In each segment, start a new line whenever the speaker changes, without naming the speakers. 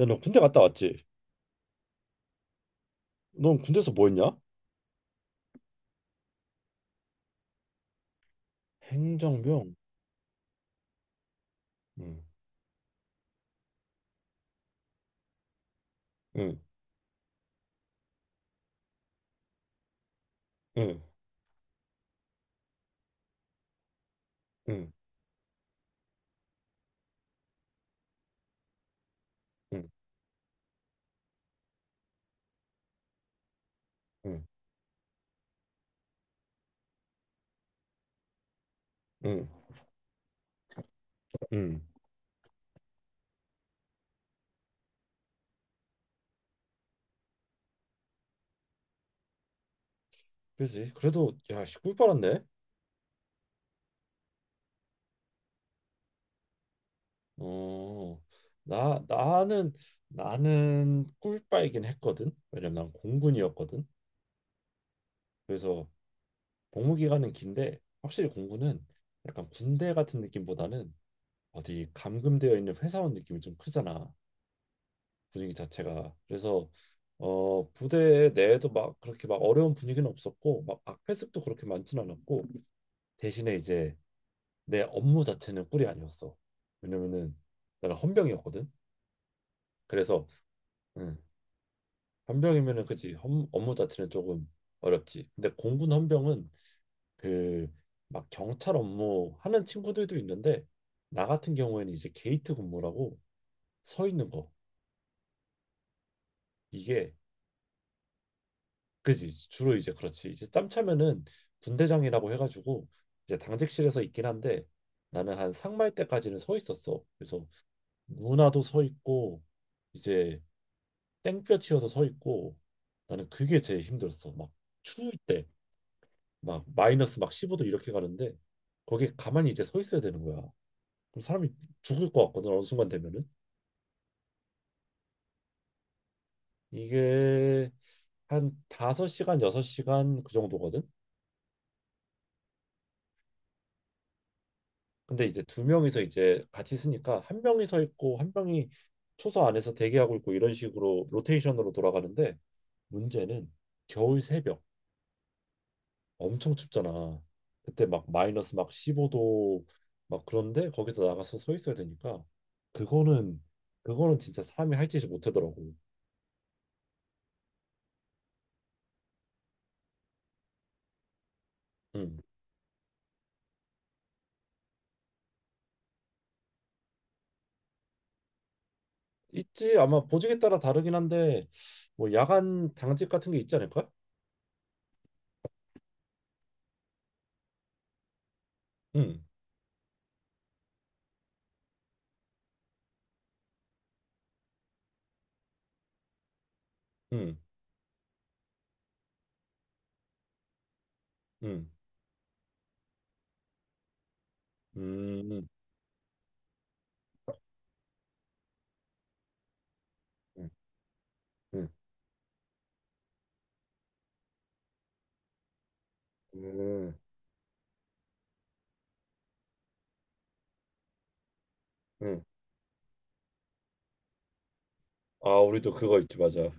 야, 너 군대 갔다 왔지? 넌 군대에서 뭐 했냐? 행정병. 응, 응, 응, 응, 응, 응, 응, 응. 그지? 그래도 야, 씨, 꿀빨았네. 어, 나 나는 나는 꿀빨긴 했거든. 왜냐면 난 공군이었거든. 그래서 복무 기간은 긴데, 확실히 공군은 약간 군대 같은 느낌보다는 어디 감금되어 있는 회사원 느낌이 좀 크잖아. 분위기 자체가 그래서 부대 내에도 막 그렇게 막 어려운 분위기는 없었고 막 악배습도 그렇게 많진 않았고, 대신에 이제 내 업무 자체는 꿀이 아니었어. 왜냐면은 나는 헌병이었거든. 그래서 음, 헌병이면은 그치, 업무 자체는 조금 어렵지. 근데 공군 헌병은 그 막 경찰 업무 하는 친구들도 있는데, 나 같은 경우에는 이제 게이트 근무라고 서 있는 거, 이게 그지, 주로 이제 그렇지 이제 짬 차면은 분대장이라고 해가지고 이제 당직실에서 있긴 한데, 나는 한 상말 때까지는 서 있었어. 그래서 누나도 서 있고 이제 땡볕 치여서 서 있고, 나는 그게 제일 힘들었어. 막 추울 때 막 마이너스 막 15도 이렇게 가는데, 거기에 가만히 이제 서 있어야 되는 거야. 그럼 사람이 죽을 것 같거든 어느 순간 되면은. 이게 한 5시간 6시간 그 정도거든. 근데 이제 두 명이서 이제 같이 쓰니까 한 명이 서 있고 한 명이 초소 안에서 대기하고 있고 이런 식으로 로테이션으로 돌아가는데, 문제는 겨울 새벽 엄청 춥잖아. 그때 막 마이너스 막 15도 막 그런데 거기서 나가서 서 있어야 되니까. 그거는 그거는 진짜 사람이 할 짓이 못하더라고. 음. 있지. 아마 보직에 따라 다르긴 한데, 뭐 야간 당직 같은 게 있지 않을까? 음. 음. 음. 음. 음. 음. 음. 음. 아, 우리도 그거 있지, 맞아.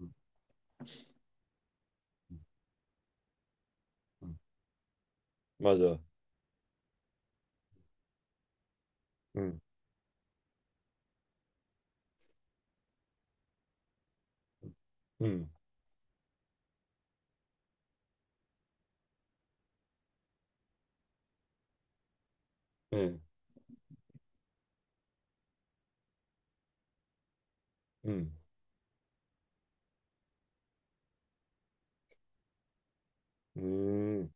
음, 음. 맞아. 음, 음, 음, 음, 음,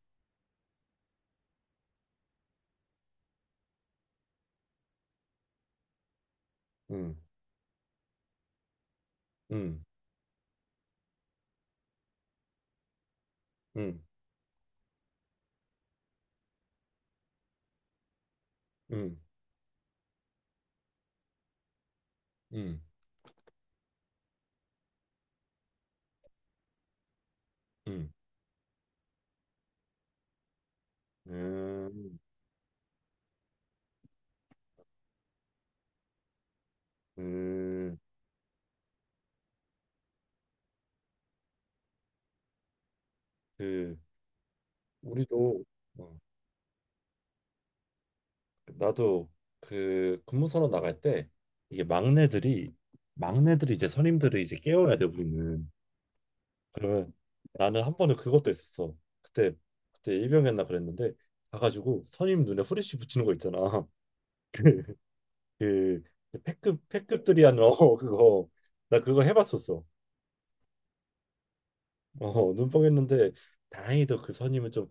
음, 음, 음, 음, 음, 음. 음, 음. 그, 우리도, 어, 나도 그 근무선언 나갈 때, 이게 막내들이 이제 선임들을 이제 깨워야 돼, 우리는. 그러면 나는 한 번은 그것도 있었어. 그때, 그때 일병이었나 그랬는데, 가가지고 선임 눈에 후레쉬 붙이는 거 있잖아. 그 패급들이 한어 그거 나 그거 해봤었어. 어, 눈뽕했는데 다행히도 그 선임은 좀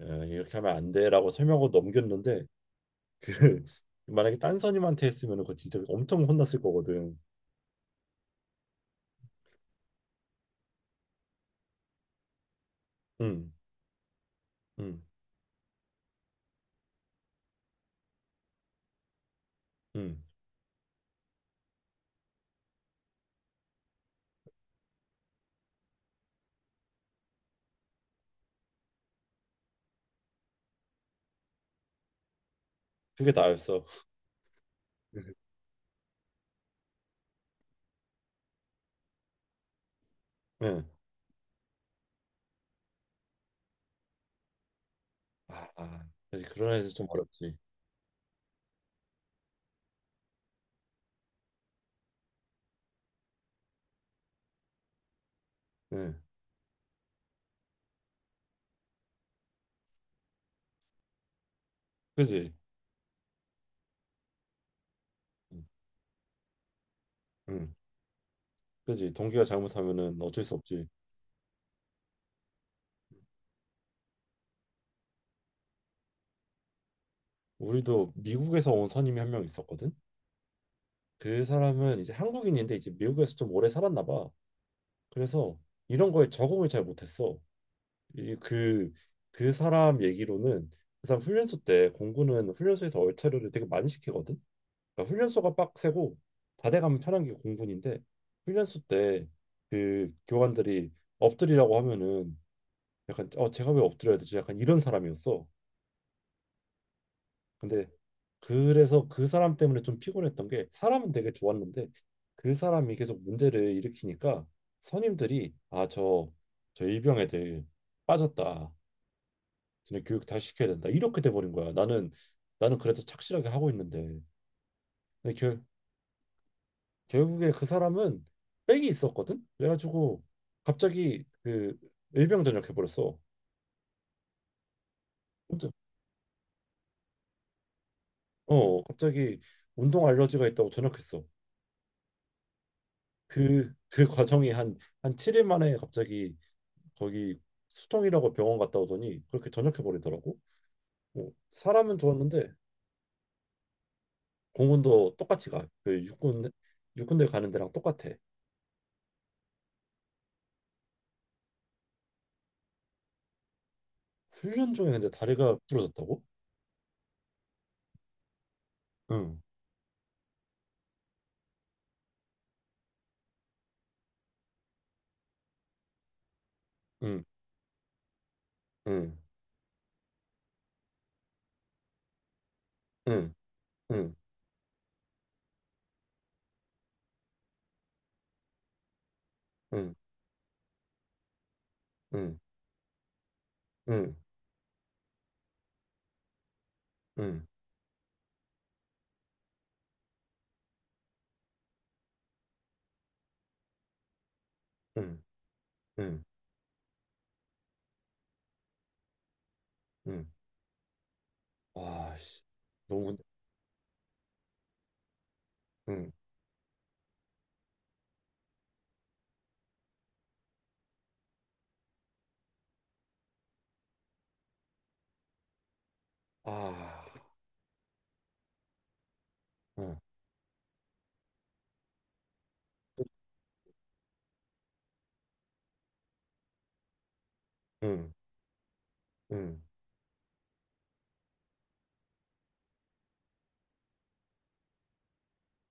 이렇게 하면 안 돼라고 설명하고 넘겼는데, 그 만약에 딴 선임한테 했으면은 그거 진짜 엄청 혼났을 거거든. 응, 응, 응. 그게 나였어. 응. 아, 아, 그지. 그런 애들 좀 어렵지. 응, 그지. 응, 응. 그지. 동기가 잘못하면은 어쩔 수 없지. 우리도 미국에서 온 선임이 한 명 있었거든. 그 사람은 이제 한국인인데 이제 미국에서 좀 오래 살았나 봐. 그래서 이런 거에 적응을 잘 못했어. 이 그 그 사람 얘기로는, 그 사람 훈련소 때 공군은 훈련소에서 얼차려를 되게 많이 시키거든. 그러니까 훈련소가 빡세고 자대 가면 편한 게 공군인데, 훈련소 때 그 교관들이 엎드리라고 하면은 약간 제가 왜 엎드려야 되지? 약간 이런 사람이었어. 근데 그래서 그 사람 때문에 좀 피곤했던 게, 사람은 되게 좋았는데 그 사람이 계속 문제를 일으키니까 선임들이, 아, 저, 일병 애들 빠졌다, 쟤네 교육 다시 시켜야 된다, 이렇게 돼 버린 거야. 나는 그래도 착실하게 하고 있는데. 근데 결국에 그 사람은 백이 있었거든. 그래가지고 갑자기 그 일병 전역해 버렸어. 혼자, 갑자기 운동 알러지가 있다고 전역했어. 그 과정이 한 7일 만에 갑자기 거기 수동이라고 병원 갔다 오더니 그렇게 전역해 버리더라고. 뭐 사람은 좋았는데. 공군도 똑같이 가. 그 육군대 가는 데랑 똑같아. 훈련 중에 근데 다리가 부러졌다고? 응, 응, 응, 응, 응, 응, 응, 응, 응, 응, 응, 응. 와, 씨, 너무 근데, 응, 아, 응, 응, 응.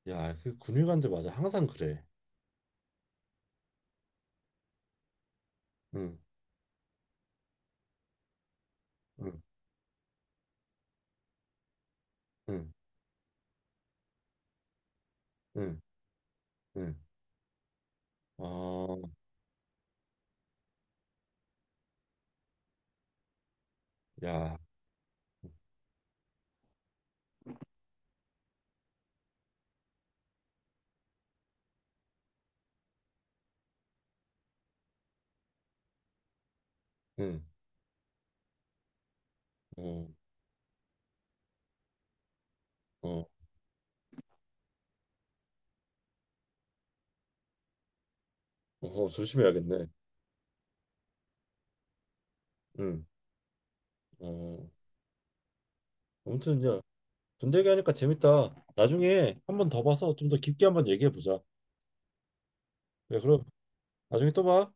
야, 그 근육안제 맞아. 항상 그래. 응, 응, 응, 응, 응. 어, 야, 응, 어. 어, 어, 조심해야겠네. 응. 어, 아무튼 야, 군대 얘기하니까 재밌다. 나중에 한번 더 봐서 좀 더 깊게 한번 얘기해 보자. 그래, 그럼 나중에 또 봐.